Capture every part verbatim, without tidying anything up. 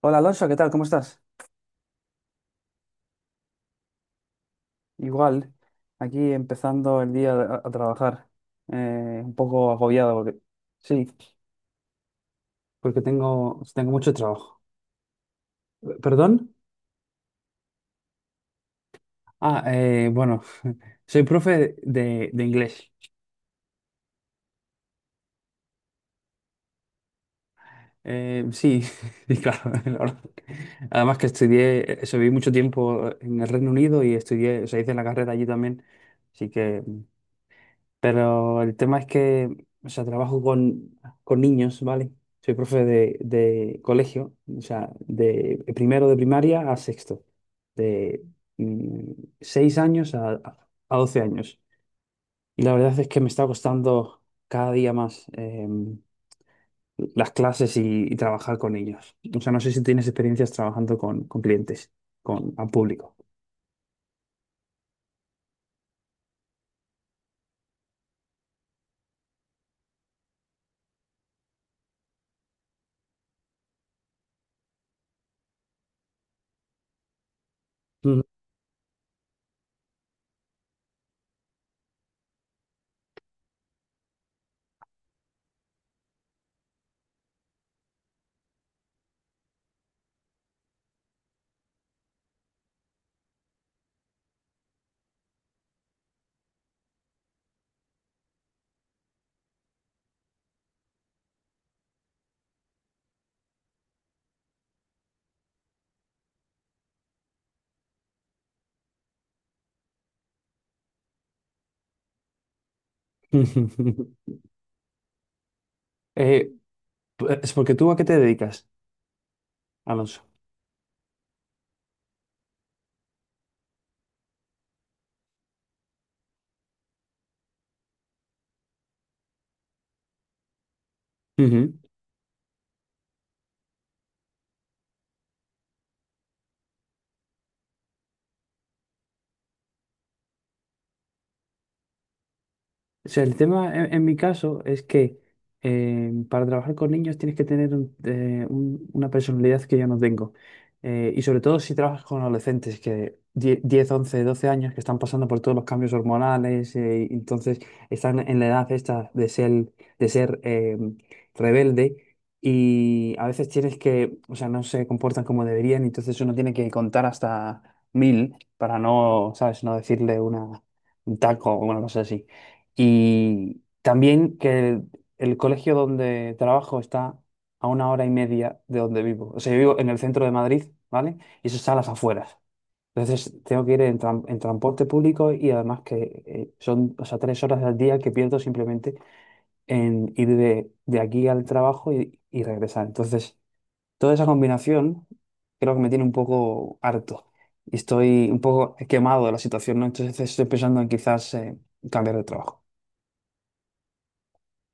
Hola Alonso, ¿qué tal? ¿Cómo estás? Igual, aquí empezando el día a, a trabajar, eh, un poco agobiado porque sí, porque tengo, tengo mucho trabajo. Eh, ¿Perdón? Ah, eh, bueno, soy profe de, de inglés. Eh, sí, sí, claro. La verdad. Además que estudié, eh, eso, viví mucho tiempo en el Reino Unido y estudié, o sea, hice la carrera allí también, así que pero el tema es que, o sea, trabajo con, con niños, ¿vale? Soy profe de, de colegio, o sea, de primero de primaria a sexto, de mm, seis años a, a doce años. Y la verdad es que me está costando cada día más em, las clases y, y trabajar con ellos. O sea, no sé si tienes experiencias trabajando con, con clientes, con al público. Ujú. Eh, es porque tú a qué te dedicas, Alonso. O sea, el tema en, en mi caso es que eh, para trabajar con niños tienes que tener un- eh, un- una personalidad que yo no tengo. Eh, y sobre todo si trabajas con adolescentes que die- diez, once, doce años que están pasando por todos los cambios hormonales, eh, y entonces están en la edad esta de ser, de ser eh, rebelde y a veces tienes que, o sea, no se comportan como deberían, y entonces uno tiene que contar hasta mil para no, ¿sabes? No decirle una, un taco o una cosa así. Y también que el, el colegio donde trabajo está a una hora y media de donde vivo. O sea, yo vivo en el centro de Madrid, ¿vale? Y eso está a las afueras. Entonces tengo que ir en, tran- en transporte público y además que eh, son, o sea, tres horas al día que pierdo simplemente en ir de, de aquí al trabajo y, y regresar. Entonces, toda esa combinación creo que me tiene un poco harto y estoy un poco quemado de la situación, ¿no? Entonces estoy pensando en quizás eh, cambiar de trabajo.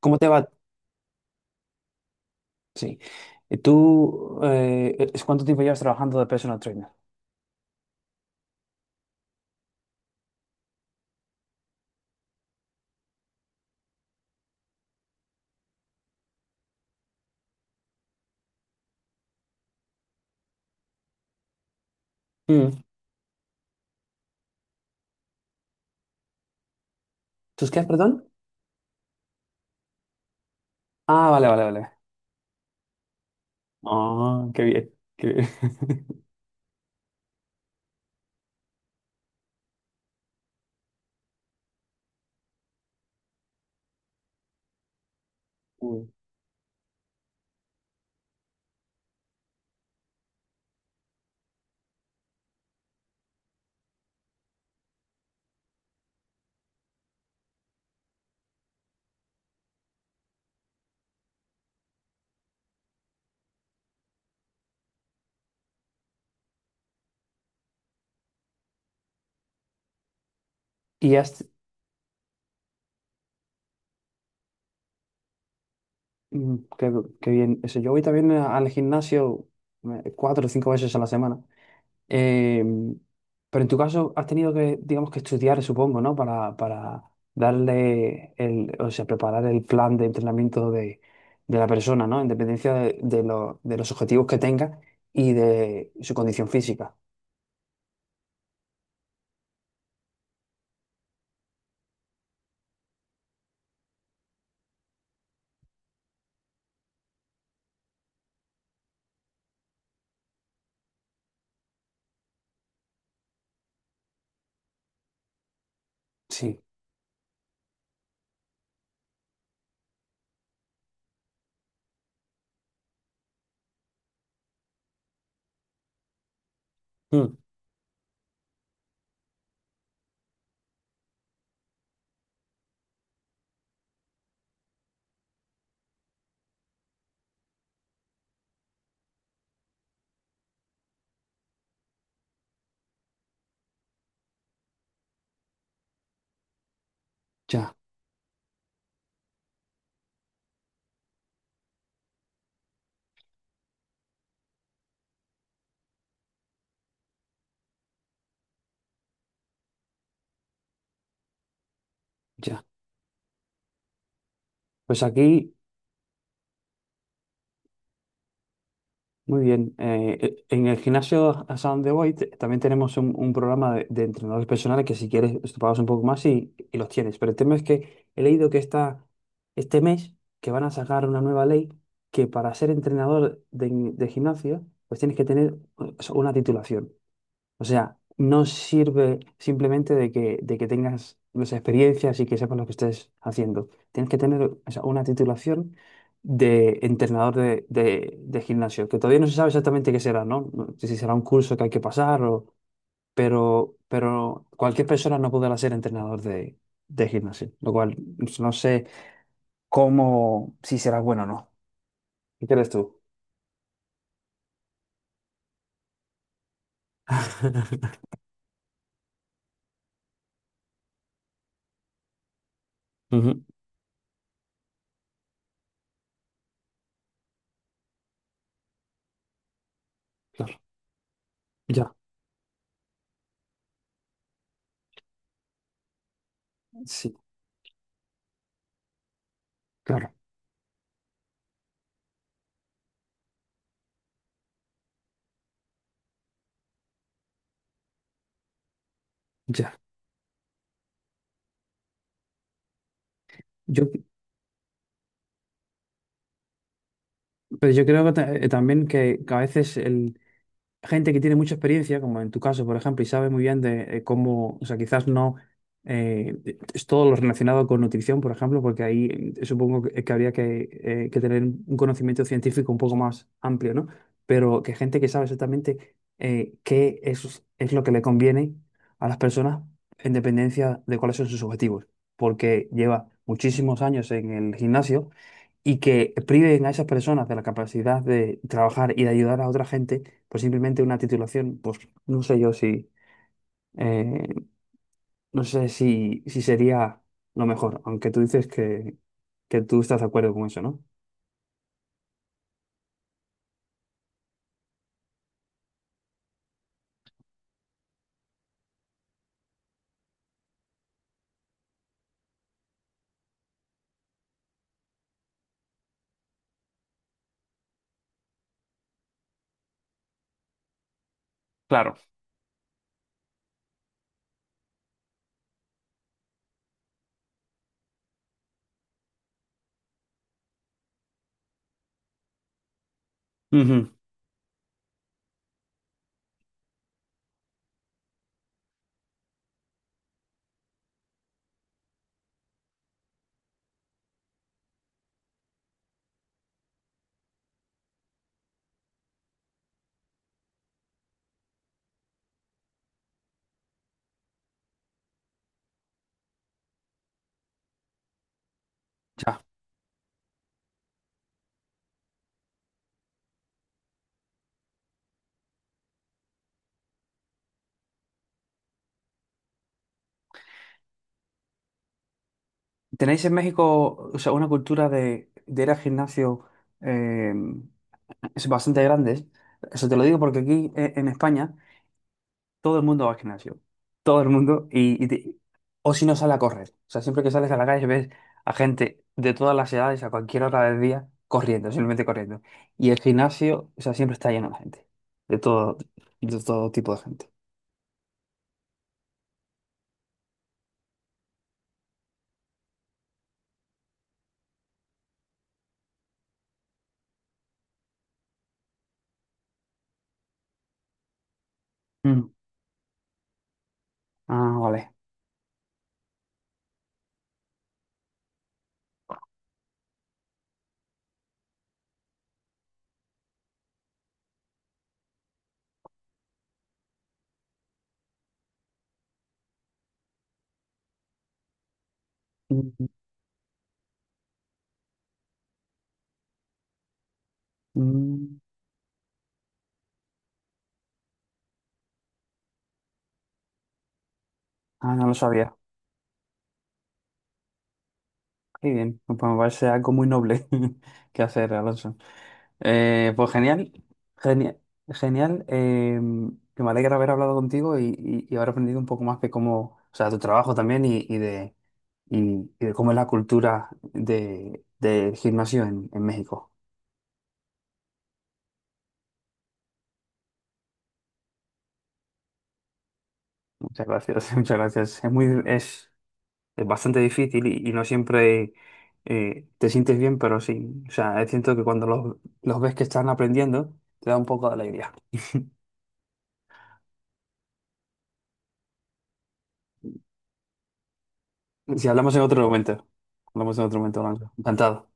¿Cómo te va? Sí. ¿Y tú eh, e-, es- cuánto tiempo llevas trabajando de personal trainer? Mm. ¿Tus qué, perdón? Ah, vale, vale, vale. Ah, qué bien, qué bien. Mm. Y has, mm, qué, qué bien. Eso, yo voy también a- al gimnasio eh, cuatro o cinco veces a la semana. Eh, pero en tu caso has tenido que, digamos, que estudiar, supongo, ¿no? Para, para darle el, o sea, preparar el plan de entrenamiento de, de la persona, ¿no? En dependencia de, de lo- de los objetivos que tenga y de su condición física. Sí. Mm, ya, ya. Pues aquí. Muy bien. Eh, e- en el gimnasio a donde voy te- también tenemos un, un programa de, de entrenadores personales que si quieres te pagas un poco más y, y los tienes. Pero el tema es que he leído que esta este mes que van a sacar una nueva ley que para ser entrenador de, de gimnasio pues tienes que tener eh, una titulación. O sea, no sirve simplemente de que, de que tengas las experiencias y que sepas lo que estés haciendo. Tienes que tener, o sea, una titulación de entrenador de, de- de gimnasio, que todavía no se sabe exactamente qué será, ¿no? No sé si será un curso que hay que pasar o... Pero, pero cualquier persona no podrá ser entrenador de, de gimnasio, lo cual no sé cómo, si será bueno o no. ¿Qué crees tú? Ujú, claro, ya, sí, claro, ya. Yo, pero yo creo que ta- eh, también que, que a veces el, gente que tiene mucha experiencia, como en tu caso, por ejemplo, y sabe muy bien de eh, cómo, o sea, quizás no eh, es todo lo relacionado con nutrición, por ejemplo, porque ahí eh, supongo que, que habría que, eh, que tener un conocimiento científico un poco más amplio, ¿no? Pero que gente que sabe exactamente eh, qué es, es lo que le conviene a las personas en dependencia de cuáles son sus objetivos, porque lleva muchísimos años en el gimnasio y que priven a esas personas de la capacidad de trabajar y de ayudar a otra gente pues simplemente una titulación, pues no sé yo si, eh, no sé si, si sería lo mejor, aunque tú dices que, que tú estás de acuerdo con eso, ¿no? Claro. Ujú, ya. ¿Tenéis en México, o sea, una cultura de, de ir al gimnasio eh, es bastante grande? Eso te lo digo porque aquí eh, en España todo el mundo va al gimnasio. Todo el mundo. Y, y te- o si no sale a correr. O sea, siempre que sales a la calle ves a gente de todas las edades, a cualquier hora del día, corriendo, simplemente corriendo. Y el gimnasio, o sea, siempre está lleno de gente. De todo, de todo tipo de gente. Mm. Ah, vale. Mm, mm. Ah, no lo sabía. Qué bien. Pues me parece algo muy noble que hacer, Alonso. Eh, pues genial, genial, genial. Eh, que me alegra haber hablado contigo y, y, y haber aprendido un poco más de cómo, o sea, tu trabajo también y, y de, y, y de cómo es la cultura de, del gimnasio en, en México. Muchas gracias, muchas gracias. Es muy, es, es bastante difícil y, y no siempre eh, te sientes bien, pero sí, o sea, siento que cuando los, los ves que están aprendiendo, te da un poco de alegría. Si hablamos en otro momento, hablamos en otro momento, Blanca. Encantado.